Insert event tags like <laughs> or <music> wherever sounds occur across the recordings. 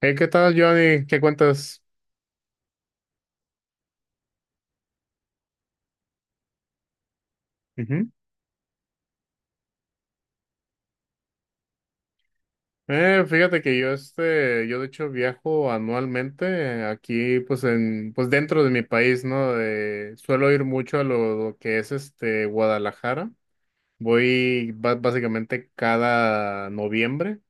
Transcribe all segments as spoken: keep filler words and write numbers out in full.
Hey, ¿qué tal, Johnny? ¿Qué cuentas? Ujú. Eh, fíjate que yo este, yo de hecho viajo anualmente, eh, aquí, pues en, pues dentro de mi país, ¿no? Eh, suelo ir mucho a lo, lo que es este Guadalajara. Voy ba- básicamente cada noviembre,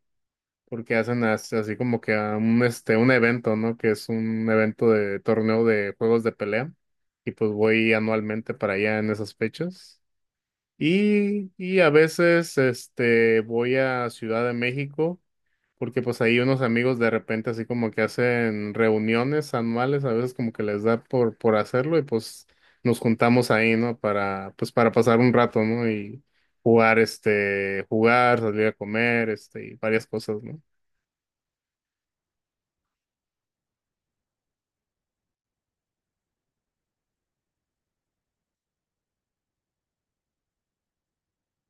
porque hacen as- así, como que a un este un evento, ¿no? Que es un evento de torneo de juegos de pelea, y pues voy anualmente para allá en esas fechas. Y, y a veces este voy a Ciudad de México, porque pues ahí unos amigos de repente así como que hacen reuniones anuales, a veces como que les da por, por hacerlo, y pues nos juntamos ahí, ¿no? Para pues para pasar un rato, ¿no? Y jugar este, jugar, salir a comer, este, y varias cosas, ¿no?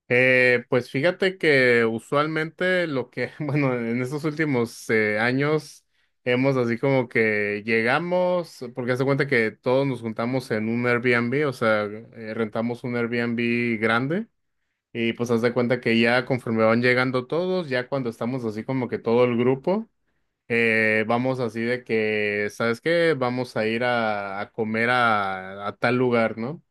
Eh, pues fíjate que usualmente lo que, <laughs> bueno, en estos últimos eh, años hemos así como que llegamos, porque haz de cuenta que todos nos juntamos en un Airbnb, o sea, eh, rentamos un Airbnb grande, y pues haz de cuenta que ya conforme van llegando todos, ya cuando estamos así como que todo el grupo, eh, vamos así de que, ¿sabes qué? Vamos a ir a, a comer a, a tal lugar, ¿no?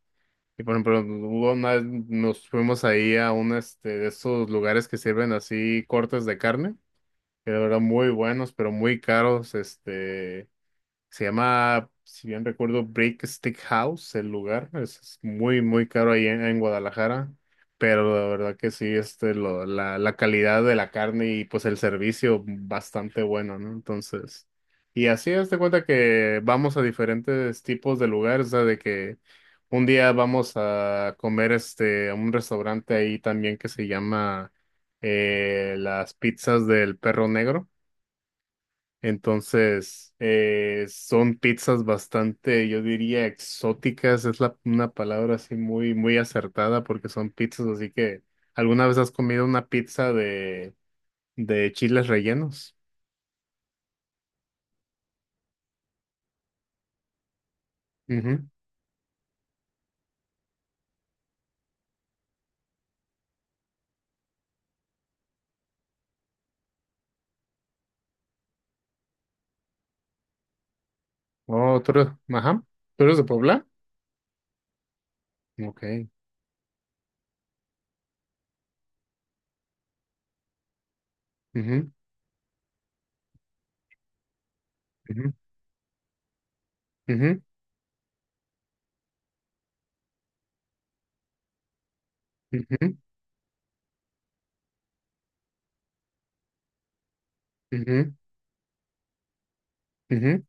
Y por ejemplo, hubo una- vez nos fuimos ahí a un este de esos lugares que sirven así cortes de carne, que de verdad muy buenos, pero muy caros. Este se llama, si bien recuerdo, Brick Stick House, el lugar. Es, es muy, muy caro ahí en, en Guadalajara. Pero la verdad que sí, este, lo, la, la calidad de la carne y pues el servicio bastante bueno, ¿no? Entonces, y así hazte cuenta que vamos a diferentes tipos de lugares, o sea, de que un día vamos a comer este, a un restaurante ahí también que se llama, eh, Las Pizzas del Perro Negro. Entonces, eh, son pizzas bastante, yo diría, exóticas. Es la, una palabra así muy, muy acertada, porque son pizzas. Así que, ¿alguna vez has comido una pizza de, de chiles rellenos? Ujú. Oh, ¿tú eres? Ajá. ¿Tú eres de Puebla? Ok. Ujú, ujú, ujú, ujú, ujú, ujú.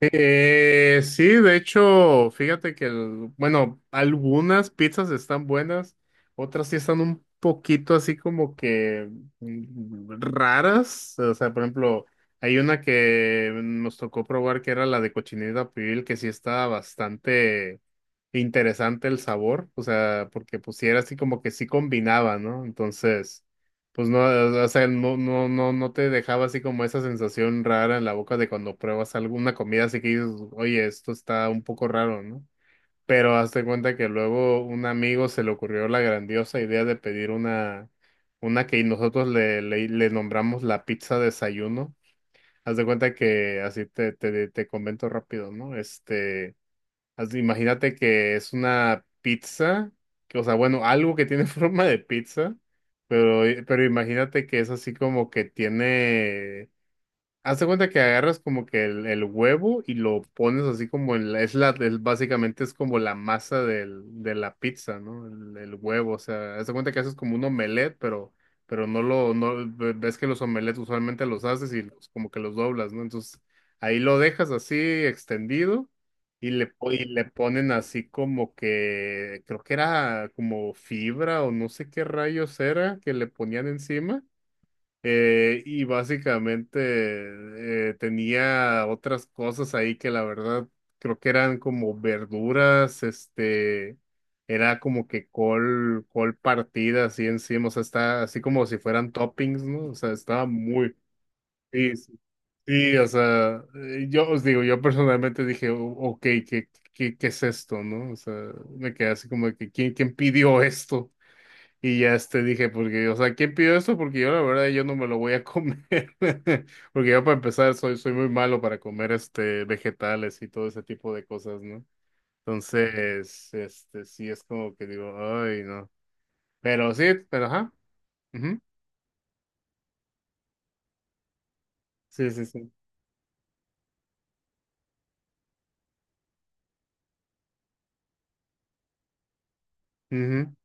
Eh, sí, de hecho, fíjate que, el- bueno, algunas pizzas están buenas, otras sí están un poquito así como que mm, raras. O sea, por ejemplo, hay una que nos tocó probar que era la de cochinita pibil, que sí estaba bastante interesante el sabor. O sea, porque pues sí era así como que sí combinaba, ¿no? Entonces, pues no, o sea, no, no, no, no te dejaba así como esa sensación rara en la boca de cuando pruebas alguna comida, así que dices, oye, esto está un poco raro, ¿no? Pero hazte cuenta que luego un amigo se le ocurrió la grandiosa idea de pedir una, una que nosotros le, le, le nombramos la pizza desayuno. Haz de cuenta que así te, te, te comento rápido, ¿no? Este. Haz- Imagínate que es una pizza, que, o sea, bueno, algo que tiene <laughs> forma de pizza, pero, pero imagínate que es así como que tiene. Haz de cuenta que agarras como que el, el huevo y lo pones así como en la, es la, es- básicamente es como la masa del, de la pizza, ¿no? El, el huevo, o sea, haz de cuenta que haces como un omelette, pero, pero no lo, no, ve- ves que los omelettes usualmente los haces y los- como que los doblas, ¿no? Entonces, ahí lo dejas así extendido, y le, po- y le ponen así como que, creo que era como fibra o no sé qué rayos era que le ponían encima. Eh, y básicamente eh, tenía otras cosas ahí que la verdad creo que eran como verduras, este, era como que col, col partida así encima, o sea, está así como si fueran toppings, ¿no? O sea, estaba muy, sí, sí, sí, o sea, eh, yo os digo, yo personalmente dije, "O- ok, ¿qué, qué, qué es esto, no? O sea, me quedé así como de que, ¿quién, quién pidió esto? Y ya este dije, porque, o sea, ¿quién pidió esto? Porque yo la verdad yo no me lo voy a comer." <laughs> Porque yo para empezar soy, soy muy malo para comer este vegetales y todo ese tipo de cosas, ¿no? Entonces, este sí es como que digo, ay, no. Pero sí, pero ajá. Ujú. Sí, sí, sí. Ujú.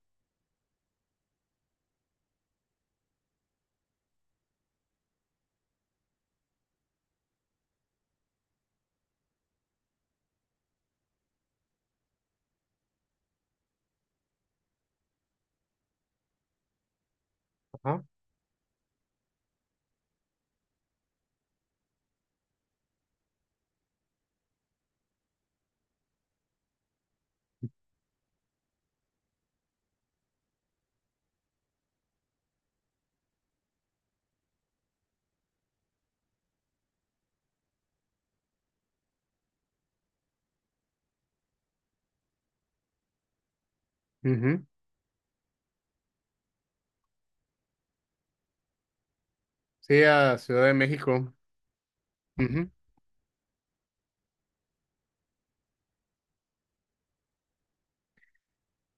Ajá. Ujú. Sí, a Ciudad de México. Ujú.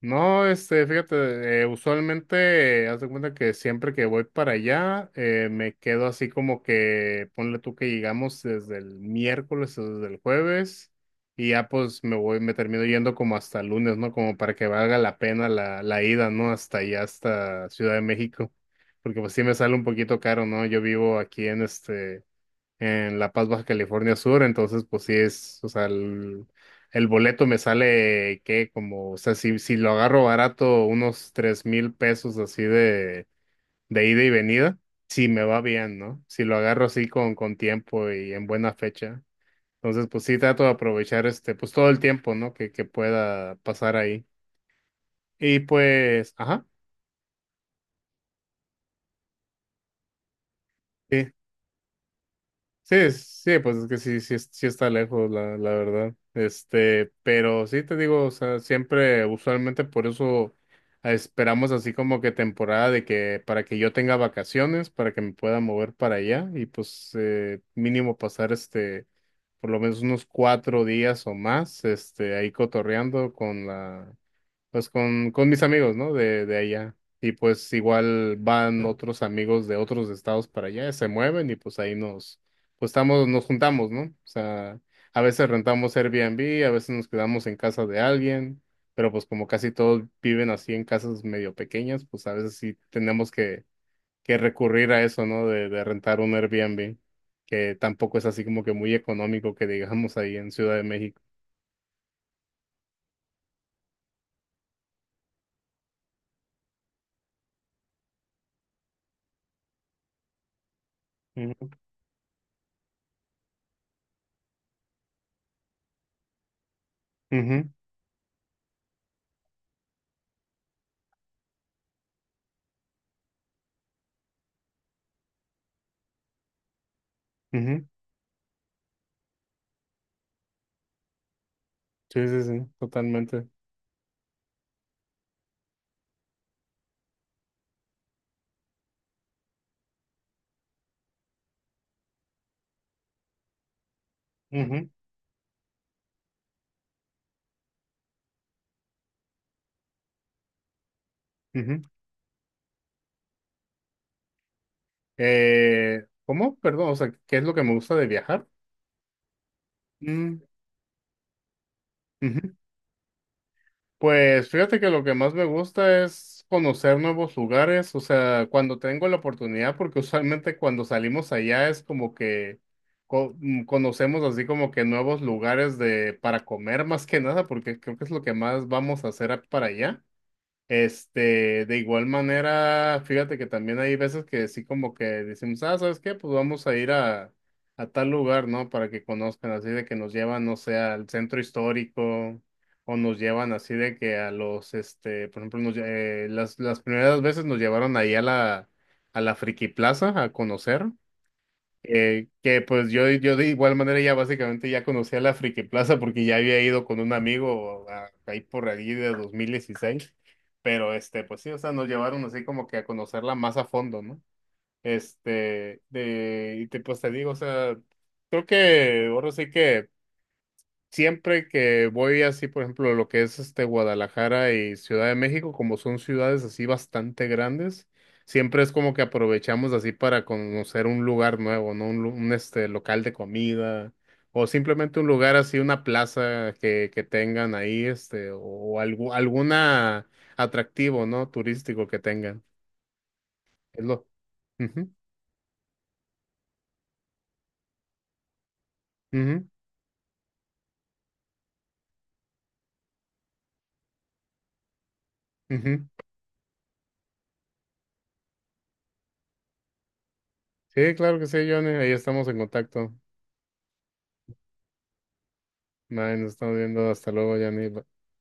No, este, fíjate, eh, usualmente, eh, haz de cuenta que siempre que voy para allá, eh, me quedo así como que, ponle tú que llegamos desde el miércoles o desde el jueves, y ya pues me voy, me termino yendo como hasta el lunes, ¿no? Como para que valga la pena la, la ida, ¿no? Hasta allá, hasta Ciudad de México, porque pues sí me sale un poquito caro, ¿no? Yo vivo aquí en este, en La Paz, Baja California Sur, entonces pues sí es, o sea, el, el boleto me sale que como, o sea, si, si lo agarro barato, unos tres mil pesos así de, de ida y venida, si me va bien, ¿no? Si lo agarro así con, con tiempo y en buena fecha. Entonces, pues sí trato de aprovechar, este, pues todo el tiempo, ¿no? Que, que pueda pasar ahí. Y pues, ajá. Sí. Sí, es- sí, pues es que sí, sí, es- sí está lejos, la, la verdad. Este, pero sí te digo, o sea, siempre, usualmente por eso eh, esperamos así como que temporada de que para que yo tenga vacaciones, para que me pueda mover para allá, y pues eh, mínimo pasar, este, por lo menos unos cuatro días o más, este, ahí cotorreando con la, pues con, con mis amigos, ¿no? De, de allá. Y pues igual van otros amigos de otros estados para allá, se mueven, y pues ahí nos, pues estamos, nos juntamos, ¿no? O sea, a veces rentamos Airbnb, a veces nos quedamos en casa de alguien, pero pues como casi todos viven así en casas medio pequeñas, pues a veces sí tenemos que, que recurrir a eso, ¿no? De, de rentar un Airbnb, que tampoco es así como que muy económico que digamos ahí en Ciudad de México. Ujú, ujú, ujú. Sí, sí, sí, totalmente. Ujú, ujú. Eh, ¿cómo? Perdón, o sea, ¿qué es lo que me gusta de viajar? Mm, ujú. Pues fíjate que lo que más me gusta es conocer nuevos lugares, o sea, cuando tengo la oportunidad, porque usualmente cuando salimos allá es como que co- mm, conocemos así como que nuevos lugares de para comer más que nada, porque creo que es lo que más vamos a hacer a- para allá. Este, de igual manera, fíjate que también hay veces que sí como que decimos, ah, ¿sabes qué? Pues vamos a ir a, a tal lugar, ¿no? Para que conozcan, así de que nos llevan, no sé, al centro histórico, o nos llevan así de que a los, este, por ejemplo, nos lle- eh, las, las primeras veces nos llevaron ahí a la, a la Friki Plaza a conocer. Eh, que pues yo, yo de igual manera ya básicamente ya conocía la Friki Plaza, porque ya había ido con un amigo a- ahí por allí de dos mil dieciséis, pero este, pues sí, o sea, nos llevaron así como que a conocerla más a fondo, ¿no? Este, de, y te, pues te digo, o sea, creo que ahora sí que. Siempre que voy así, por ejemplo, lo que es este Guadalajara y Ciudad de México, como son ciudades así bastante grandes, siempre es como que aprovechamos así para conocer un lugar nuevo, ¿no? Un, lu- un, este local de comida, o simplemente un lugar así, una plaza que, que tengan ahí, este, o, algo, alguna atractivo, ¿no? Turístico que tengan. Es lo. Ujú, ujú, ujú. Sí, claro que sí, Johnny. Ahí estamos en contacto. Bueno, nos estamos viendo. Hasta luego, Johnny.